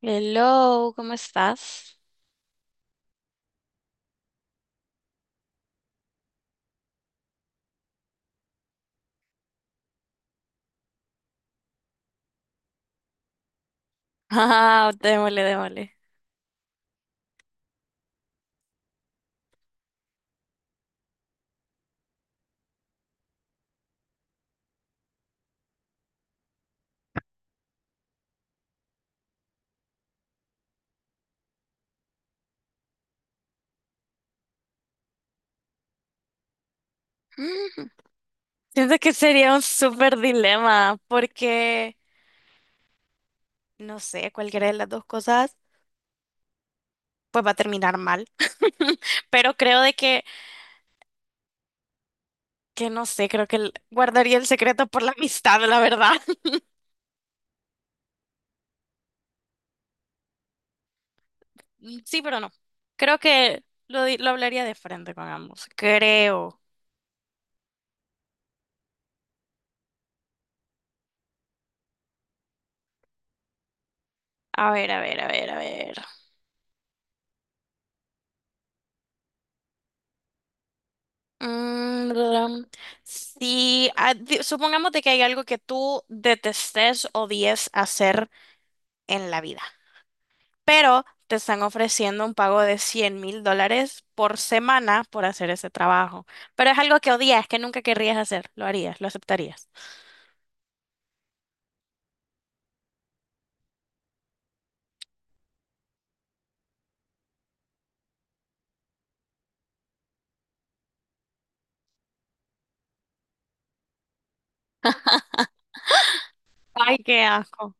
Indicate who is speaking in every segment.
Speaker 1: Hello, ¿cómo estás? Ah, démosle, démosle. Mm, Siento que sería un súper dilema porque, no sé, cualquiera de las dos cosas, pues va a terminar mal. Pero creo que no sé, creo que guardaría el secreto por la amistad, la verdad. Mm, sí, pero no. Creo que lo hablaría de frente con ambos. Creo. A ver, a ver, a ver, a ver. Mm, um, si ah, di- Supongamos de que hay algo que tú detestes, odies hacer en la vida, pero te están ofreciendo un pago de $100,000 por semana por hacer ese trabajo, pero es algo que odias, que nunca querrías hacer, lo harías, lo aceptarías. Ay, qué asco.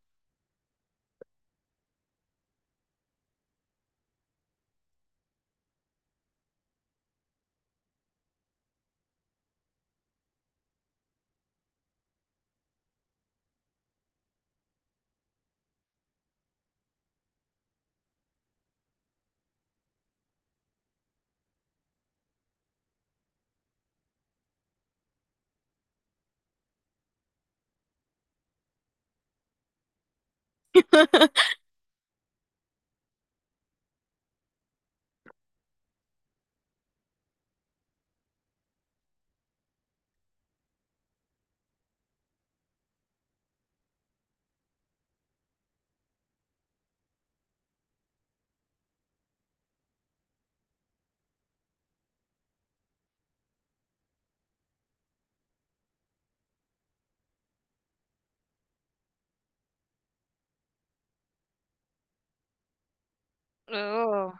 Speaker 1: Ugh.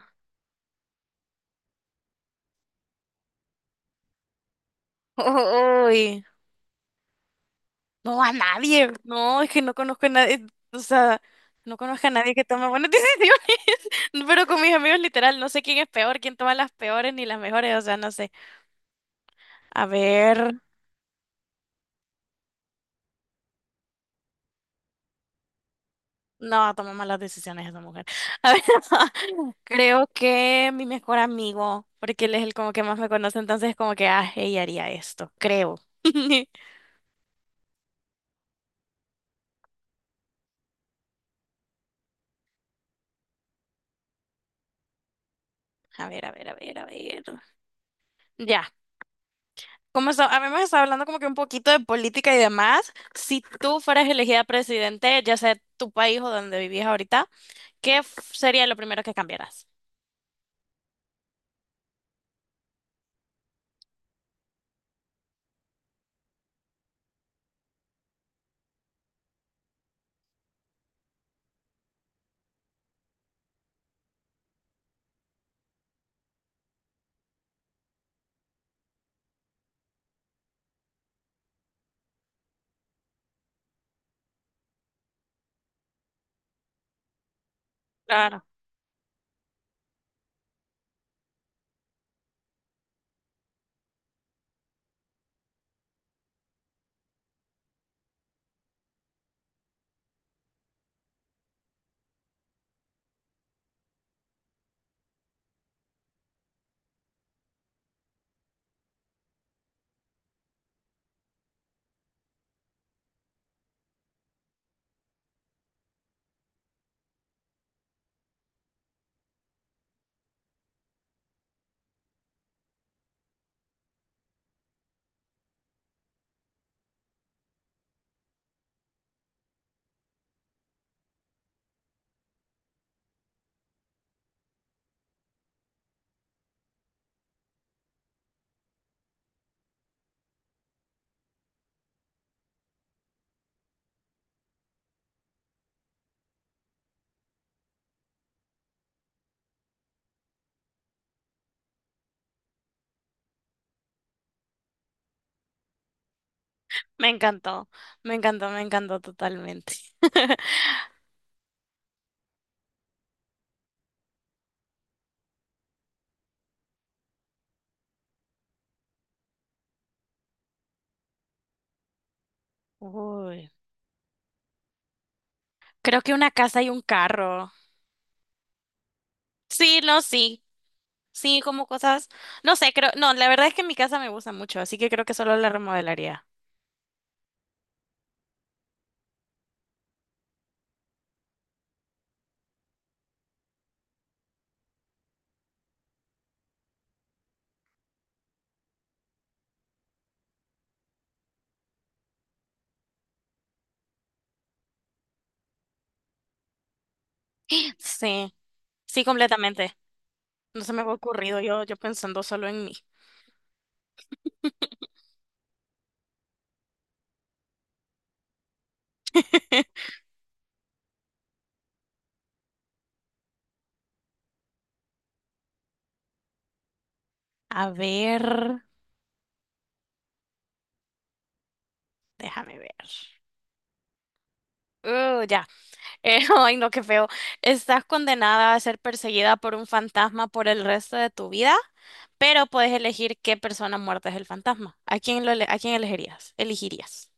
Speaker 1: Uy. No, a nadie. No, es que no conozco a nadie. O sea, no conozco a nadie que tome buenas decisiones. Pero con mis amigos, literal, no sé quién es peor, quién toma las peores ni las mejores. O sea, no sé. A ver. No, toma malas decisiones esa mujer. A ver, creo que mi mejor amigo, porque él es el como que más me conoce, entonces como que, ah, ella haría esto, creo. A ver, a ver, a ver, a ver. Ya. Habíamos estado hablando como que un poquito de política y demás. Si tú fueras elegida presidente, ya sea de tu país o donde vivís ahorita, ¿ sería lo primero que cambiaras? Claro, me encantó, me encantó, me encantó totalmente. Uy, creo que una casa y un carro. Sí, no, sí, sí, como cosas, no sé, creo, no, la verdad es que mi casa me gusta mucho, así que creo que solo la remodelaría. Sí, sí, completamente. No se me había ocurrido. Yo pensando solo en mí. A ver. Déjame ver. Ya. Ay, no, qué feo. Estás condenada a ser perseguida por un fantasma por el resto de tu vida, pero puedes elegir qué persona muerta es el fantasma. ¿A quién elegirías? Elegirías.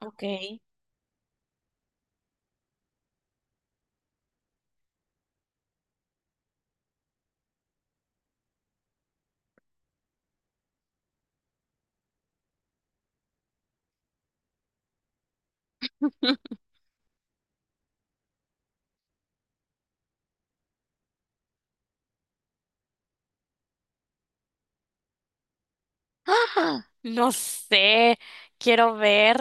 Speaker 1: Ok. No sé. Quiero ver.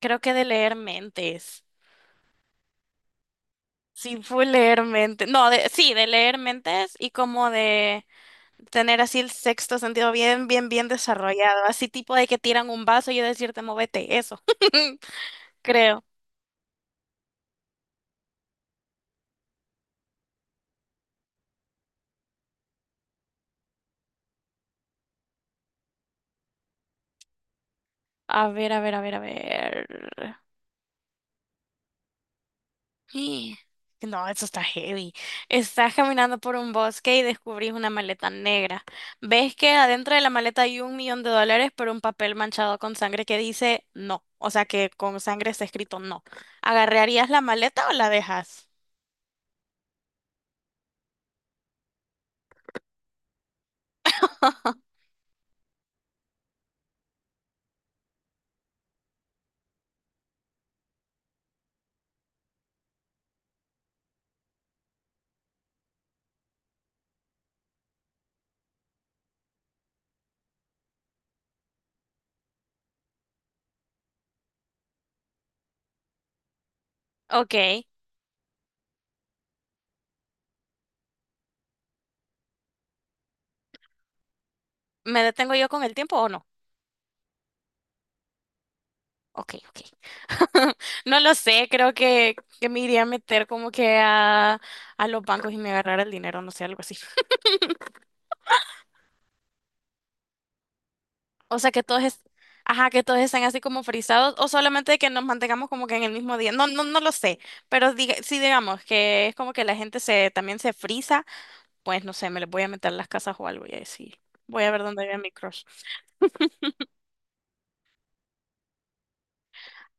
Speaker 1: Creo que de leer mentes. Sí, fue leer mentes. No, de, sí, de leer mentes y como de tener así el sexto sentido bien, bien, bien desarrollado, así tipo de que tiran un vaso y yo decirte, móvete, eso, creo. A ver, a ver, a ver, a ver. Y- No, eso está heavy. Estás caminando por un bosque y descubrís una maleta negra. Ves que adentro de la maleta hay $1,000,000 pero un papel manchado con sangre que dice no. O sea que con sangre está escrito no. ¿Agarrarías la maleta o la dejas? Ok. ¿Me detengo yo con el tiempo o no? Ok, ok. No lo sé, creo que me iría a meter como que a los bancos y me agarrar el dinero, no sé, algo así. O sea, que todos, es, ajá, que todos estén así como frisados o solamente que nos mantengamos como que en el mismo día. No, no, no lo sé, pero diga, sí digamos que es como que la gente se también se frisa, pues no sé, me les voy a meter a las casas o algo y así. Voy a ver dónde vive mi crush.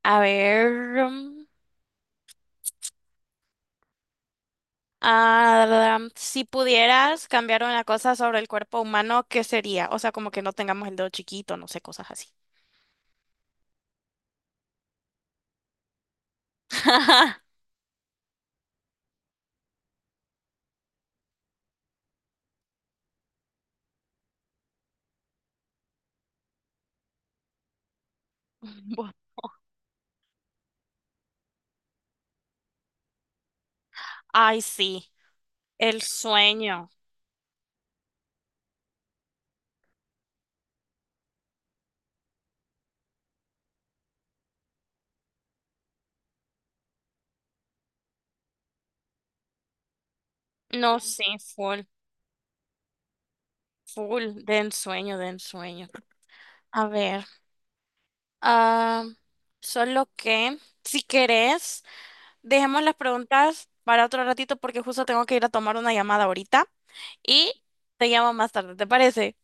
Speaker 1: A ver. mm, Ah, si pudieras cambiar una cosa sobre el cuerpo humano, ¿qué sería? O sea, como que no tengamos el dedo chiquito, no sé, cosas así. Bu- Ay, sí, el sueño. No, sí, full, full, de ensueño, de ensueño. A ver, ah, solo que, si querés, dejemos las preguntas para otro ratito porque justo tengo que ir a tomar una llamada ahorita y te llamo más tarde, ¿te parece?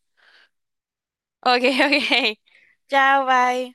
Speaker 1: Ok, ok. Chao, bye.